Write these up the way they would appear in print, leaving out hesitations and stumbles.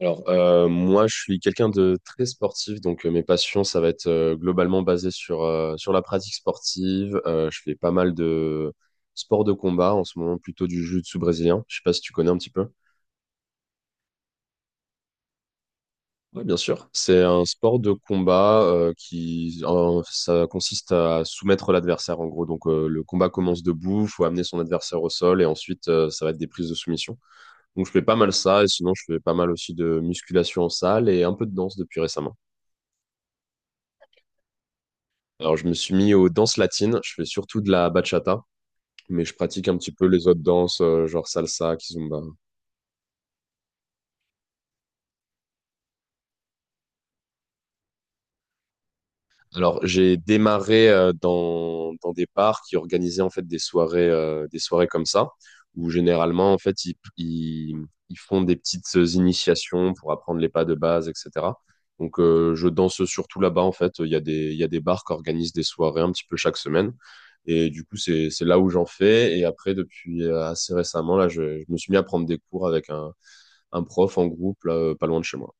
Alors, moi, je suis quelqu'un de très sportif, donc mes passions, ça va être globalement basé sur la pratique sportive. Je fais pas mal de sports de combat, en ce moment plutôt du jiu-jitsu brésilien. Je sais pas si tu connais un petit peu. Oui, bien sûr. C'est un sport de combat ça consiste à soumettre l'adversaire, en gros. Donc, le combat commence debout, faut amener son adversaire au sol, et ensuite, ça va être des prises de soumission. Donc, je fais pas mal ça, et sinon, je fais pas mal aussi de musculation en salle et un peu de danse depuis récemment. Alors, je me suis mis aux danses latines. Je fais surtout de la bachata, mais je pratique un petit peu les autres danses, genre salsa, kizomba. Alors, j'ai démarré dans des bars qui organisaient en fait des soirées, des soirées comme ça, où généralement en fait ils font des petites initiations pour apprendre les pas de base, etc. Donc, je danse surtout là-bas en fait. Il y a des bars qui organisent des soirées un petit peu chaque semaine, et du coup c'est là où j'en fais. Et après, depuis assez récemment là, je me suis mis à prendre des cours avec un prof en groupe là, pas loin de chez moi.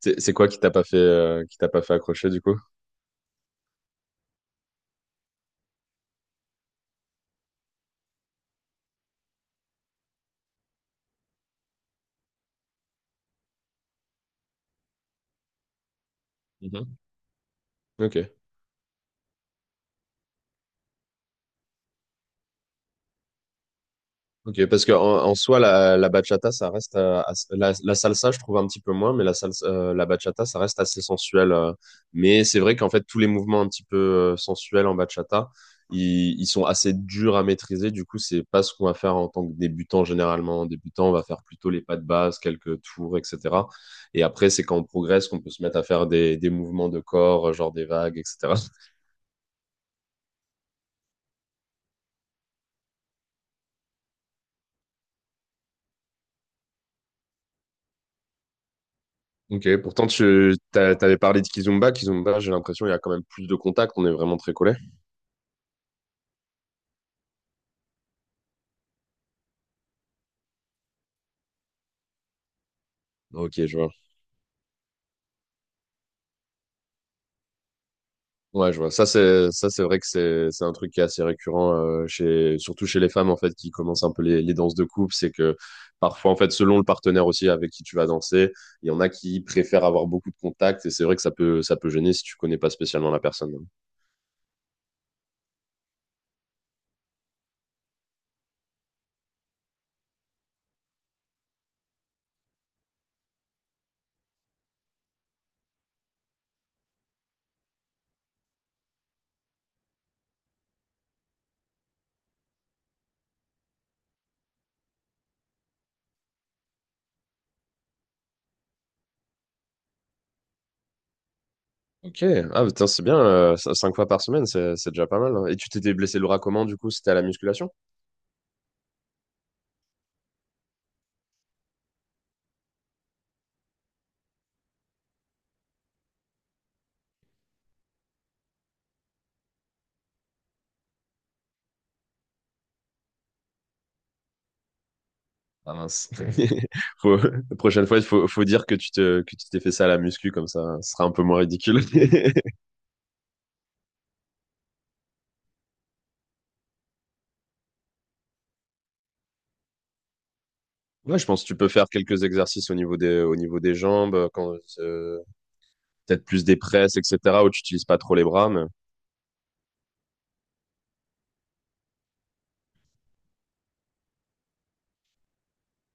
C'est quoi qui t'a pas fait accrocher du coup? Mhm. Ok. Ok, parce que en soi, la bachata, ça reste la salsa, je trouve un petit peu moins, mais la salsa, la bachata, ça reste assez sensuel. Mais c'est vrai qu'en fait, tous les mouvements un petit peu sensuels en bachata, ils sont assez durs à maîtriser. Du coup, c'est pas ce qu'on va faire en tant que débutant généralement. En débutant, on va faire plutôt les pas de base, quelques tours, etc. Et après, c'est quand on progresse qu'on peut se mettre à faire des mouvements de corps, genre des vagues, etc. Ok, pourtant, t'avais parlé de Kizomba. Kizomba, j'ai l'impression, il y a quand même plus de contact. On est vraiment très collé. Ok, je vois. Ouais, je vois. Ça, c'est vrai que c'est un truc qui est assez récurrent chez surtout chez les femmes en fait qui commencent un peu les danses de couple, c'est que parfois en fait selon le partenaire aussi avec qui tu vas danser, il y en a qui préfèrent avoir beaucoup de contacts et c'est vrai que ça peut gêner si tu connais pas spécialement la personne. Ok, ah putain, c'est bien. 5 fois par semaine, c'est déjà pas mal. Hein. Et tu t'étais blessé le bras comment du coup? C'était à la musculation? Ah mince. La prochaine fois, il faut dire que que tu t'es fait ça à la muscu, comme ça, ce sera un peu moins ridicule. Ouais, je pense que tu peux faire quelques exercices au niveau des jambes, peut-être plus des presses, etc., où tu n'utilises pas trop les bras, mais.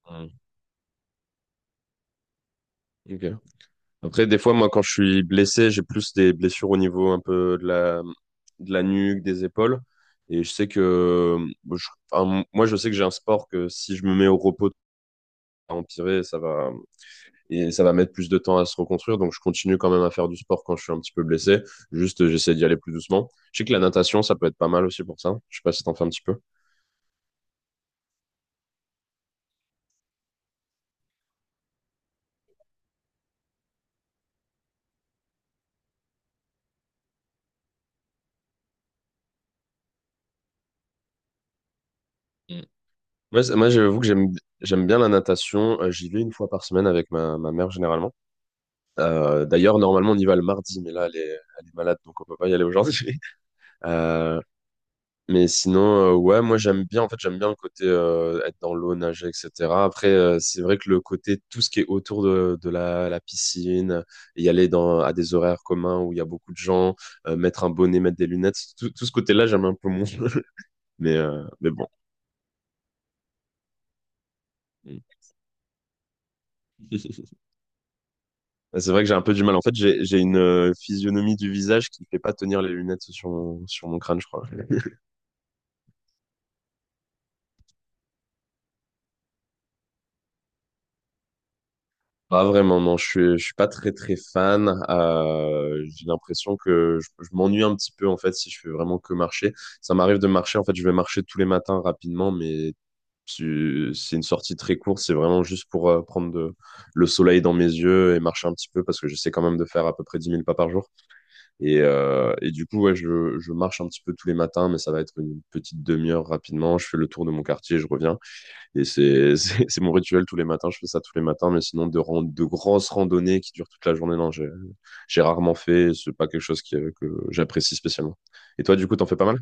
Hmm. Ok. Après, des fois, moi, quand je suis blessé, j'ai plus des blessures au niveau un peu de la nuque, des épaules. Et je sais que, enfin, moi, je sais que j'ai un sport que si je me mets au repos, ça va empirer, et ça va mettre plus de temps à se reconstruire. Donc, je continue quand même à faire du sport quand je suis un petit peu blessé. Juste, j'essaie d'y aller plus doucement. Je sais que la natation, ça peut être pas mal aussi pour ça. Je sais pas si t'en fais un petit peu. Mm. Moi, moi, j'avoue que j'aime bien la natation. J'y vais une fois par semaine avec ma mère généralement. D'ailleurs, normalement, on y va le mardi, mais là, elle est malade, donc on peut pas y aller aujourd'hui. Mais sinon, ouais, moi j'aime bien, en fait, j'aime bien le côté être dans l'eau, nager, etc. Après, c'est vrai que le côté, tout ce qui est autour de la piscine, y aller à des horaires communs où il y a beaucoup de gens, mettre un bonnet, mettre des lunettes, tout ce côté-là, j'aime un peu moins. Mais bon. C'est vrai que j'ai un peu du mal. En fait, j'ai une physionomie du visage qui ne fait pas tenir les lunettes sur mon crâne, je crois. Pas vraiment, non, je suis pas très très fan. J'ai l'impression que je m'ennuie un petit peu en fait si je fais vraiment que marcher. Ça m'arrive de marcher, en fait, je vais marcher tous les matins rapidement, mais c'est une sortie très courte, c'est vraiment juste pour prendre le soleil dans mes yeux et marcher un petit peu parce que j'essaie quand même de faire à peu près 10 000 pas par jour. Et du coup, ouais, je marche un petit peu tous les matins, mais ça va être une petite demi-heure rapidement. Je fais le tour de mon quartier, je reviens. Et c'est c'est mon rituel tous les matins. Je fais ça tous les matins, mais sinon, de grosses randonnées qui durent toute la journée, non, j'ai rarement fait. C'est pas quelque chose que j'apprécie spécialement. Et toi, du coup, t'en fais pas mal?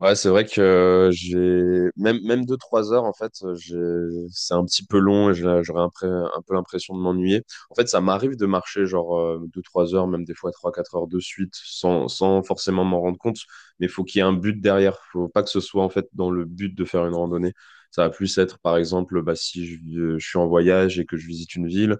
Ouais, c'est vrai que j'ai même 2 3 heures en fait, c'est un petit peu long et j'aurais un peu l'impression de m'ennuyer. En fait, ça m'arrive de marcher genre 2 3 heures, même des fois 3 4 heures de suite, sans forcément m'en rendre compte. Mais faut qu'il y ait un but derrière. Faut pas que ce soit en fait dans le but de faire une randonnée. Ça va plus être par exemple, bah si je suis en voyage et que je visite une ville,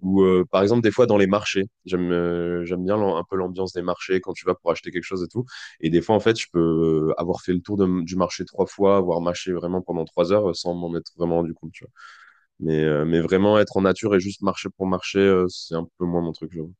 ou par exemple des fois dans les marchés. J'aime bien un peu l'ambiance des marchés quand tu vas pour acheter quelque chose et tout. Et des fois, en fait, je peux avoir fait le tour du marché trois fois, avoir marché vraiment pendant 3 heures sans m'en être vraiment rendu compte, tu vois. Mais vraiment être en nature et juste marcher pour marcher, c'est un peu moins mon truc, j'avoue.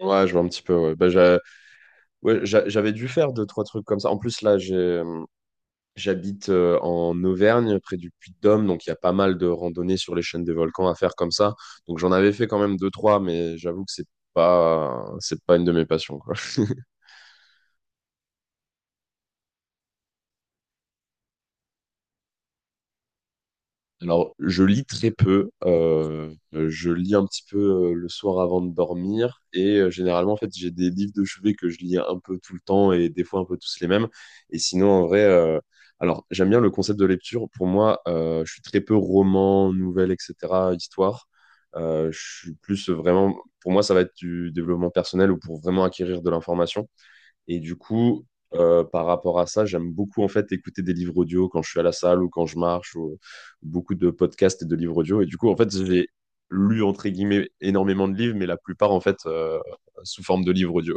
Ouais, je vois un petit peu, ouais. Bah, ouais, j'avais dû faire deux, trois trucs comme ça. En plus, là, j'habite en Auvergne, près du Puy-de-Dôme, donc il y a pas mal de randonnées sur les chaînes des volcans à faire comme ça. Donc j'en avais fait quand même deux, trois, mais j'avoue que c'est pas une de mes passions, quoi. Alors, je lis très peu. Je lis un petit peu le soir avant de dormir. Et généralement, en fait, j'ai des livres de chevet que je lis un peu tout le temps et des fois un peu tous les mêmes. Et sinon, en vrai, alors, j'aime bien le concept de lecture. Pour moi, je suis très peu roman, nouvelle, etc., histoire. Je suis plus vraiment, pour moi, ça va être du développement personnel ou pour vraiment acquérir de l'information. Et du coup, par rapport à ça, j'aime beaucoup en fait écouter des livres audio quand je suis à la salle ou quand je marche, ou beaucoup de podcasts et de livres audio. Et du coup, en fait, j'ai lu entre guillemets énormément de livres, mais la plupart en fait sous forme de livres audio.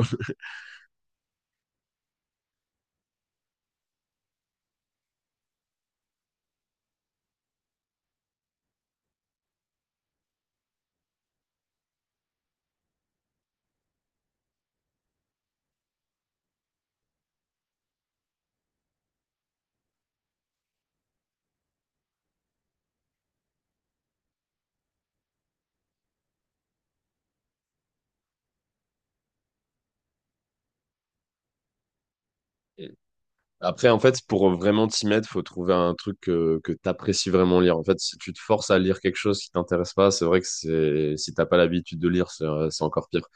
Et après, en fait, pour vraiment t'y mettre, faut trouver un truc que t'apprécies vraiment lire. En fait, si tu te forces à lire quelque chose qui t'intéresse pas, c'est vrai que c'est si t'as pas l'habitude de lire, c'est encore pire.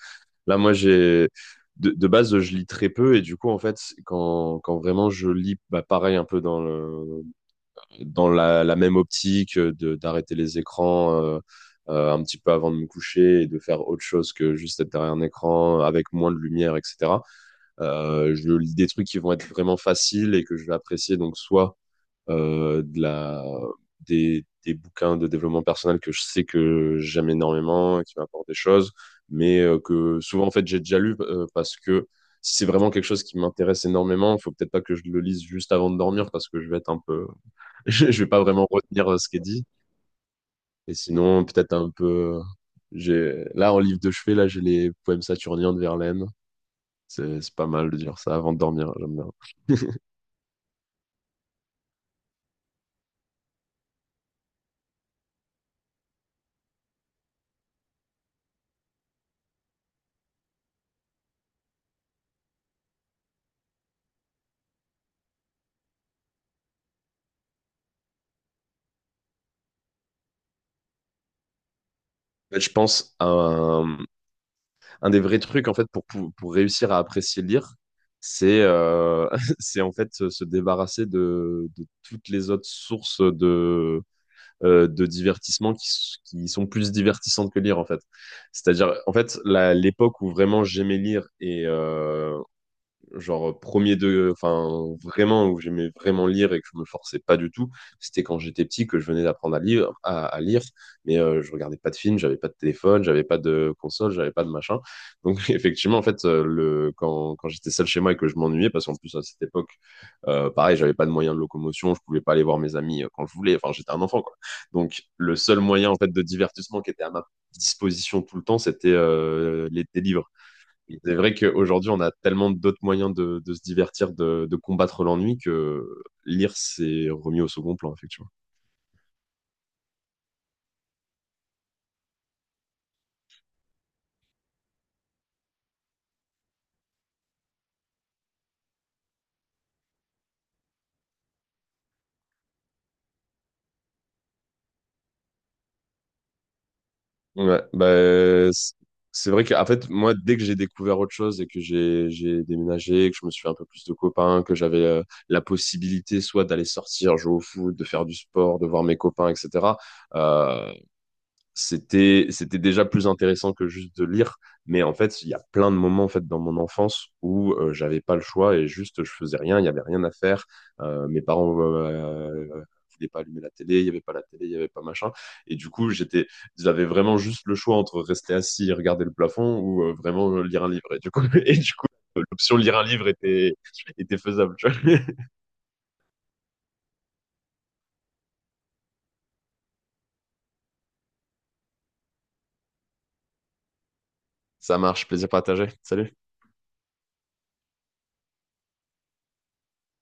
Là, moi, j'ai de base, je lis très peu et du coup, en fait, quand vraiment je lis, bah, pareil, un peu dans la même optique de d'arrêter les écrans un petit peu avant de me coucher et de faire autre chose que juste être derrière un écran avec moins de lumière, etc. Je lis des trucs qui vont être vraiment faciles et que je vais apprécier, donc soit euh, de la, des bouquins de développement personnel que je sais que j'aime énormément, qui m'apportent des choses, mais que souvent, en fait, j'ai déjà lu parce que si c'est vraiment quelque chose qui m'intéresse énormément, il faut peut-être pas que je le lise juste avant de dormir parce que je vais être un peu. Je vais pas vraiment retenir ce qui est dit. Et sinon, peut-être un peu, j'ai là en livre de chevet, là j'ai les poèmes saturniens de Verlaine. C'est pas mal de dire ça avant de dormir. J'aime bien. En fait, je pense à un des vrais trucs en fait pour réussir à apprécier lire, c'est c'est en fait se débarrasser de toutes les autres sources de divertissement qui sont plus divertissantes que lire en fait. C'est-à-dire en fait l'époque où vraiment j'aimais lire et, genre enfin vraiment où j'aimais vraiment lire et que je me forçais pas du tout, c'était quand j'étais petit que je venais d'apprendre à lire, à lire, mais je regardais pas de films, j'avais pas de téléphone, j'avais pas de console, j'avais pas de machin. Donc effectivement en fait le quand quand j'étais seul chez moi et que je m'ennuyais parce qu'en plus à cette époque pareil j'avais pas de moyens de locomotion, je pouvais pas aller voir mes amis quand je voulais, enfin j'étais un enfant quoi. Donc le seul moyen en fait de divertissement qui était à ma disposition tout le temps c'était les des livres. Et c'est vrai qu'aujourd'hui, on a tellement d'autres moyens de se divertir, de combattre l'ennui que lire, c'est remis au second plan, effectivement. Ouais, bah, c'est vrai qu'en fait, moi, dès que j'ai découvert autre chose et que j'ai déménagé, que je me suis fait un peu plus de copains, que j'avais la possibilité soit d'aller sortir, jouer au foot, de faire du sport, de voir mes copains, etc., c'était déjà plus intéressant que juste de lire mais en fait il y a plein de moments en fait dans mon enfance où j'avais pas le choix et juste je faisais rien il y avait rien à faire. Mes parents voulaient pas allumer la télé il y avait pas la télé il y avait pas machin et du coup j'avais vraiment juste le choix entre rester assis et regarder le plafond ou vraiment lire un livre et du coup et du coup l'option lire un livre était faisable tu vois. Ça marche, plaisir partagé. Salut.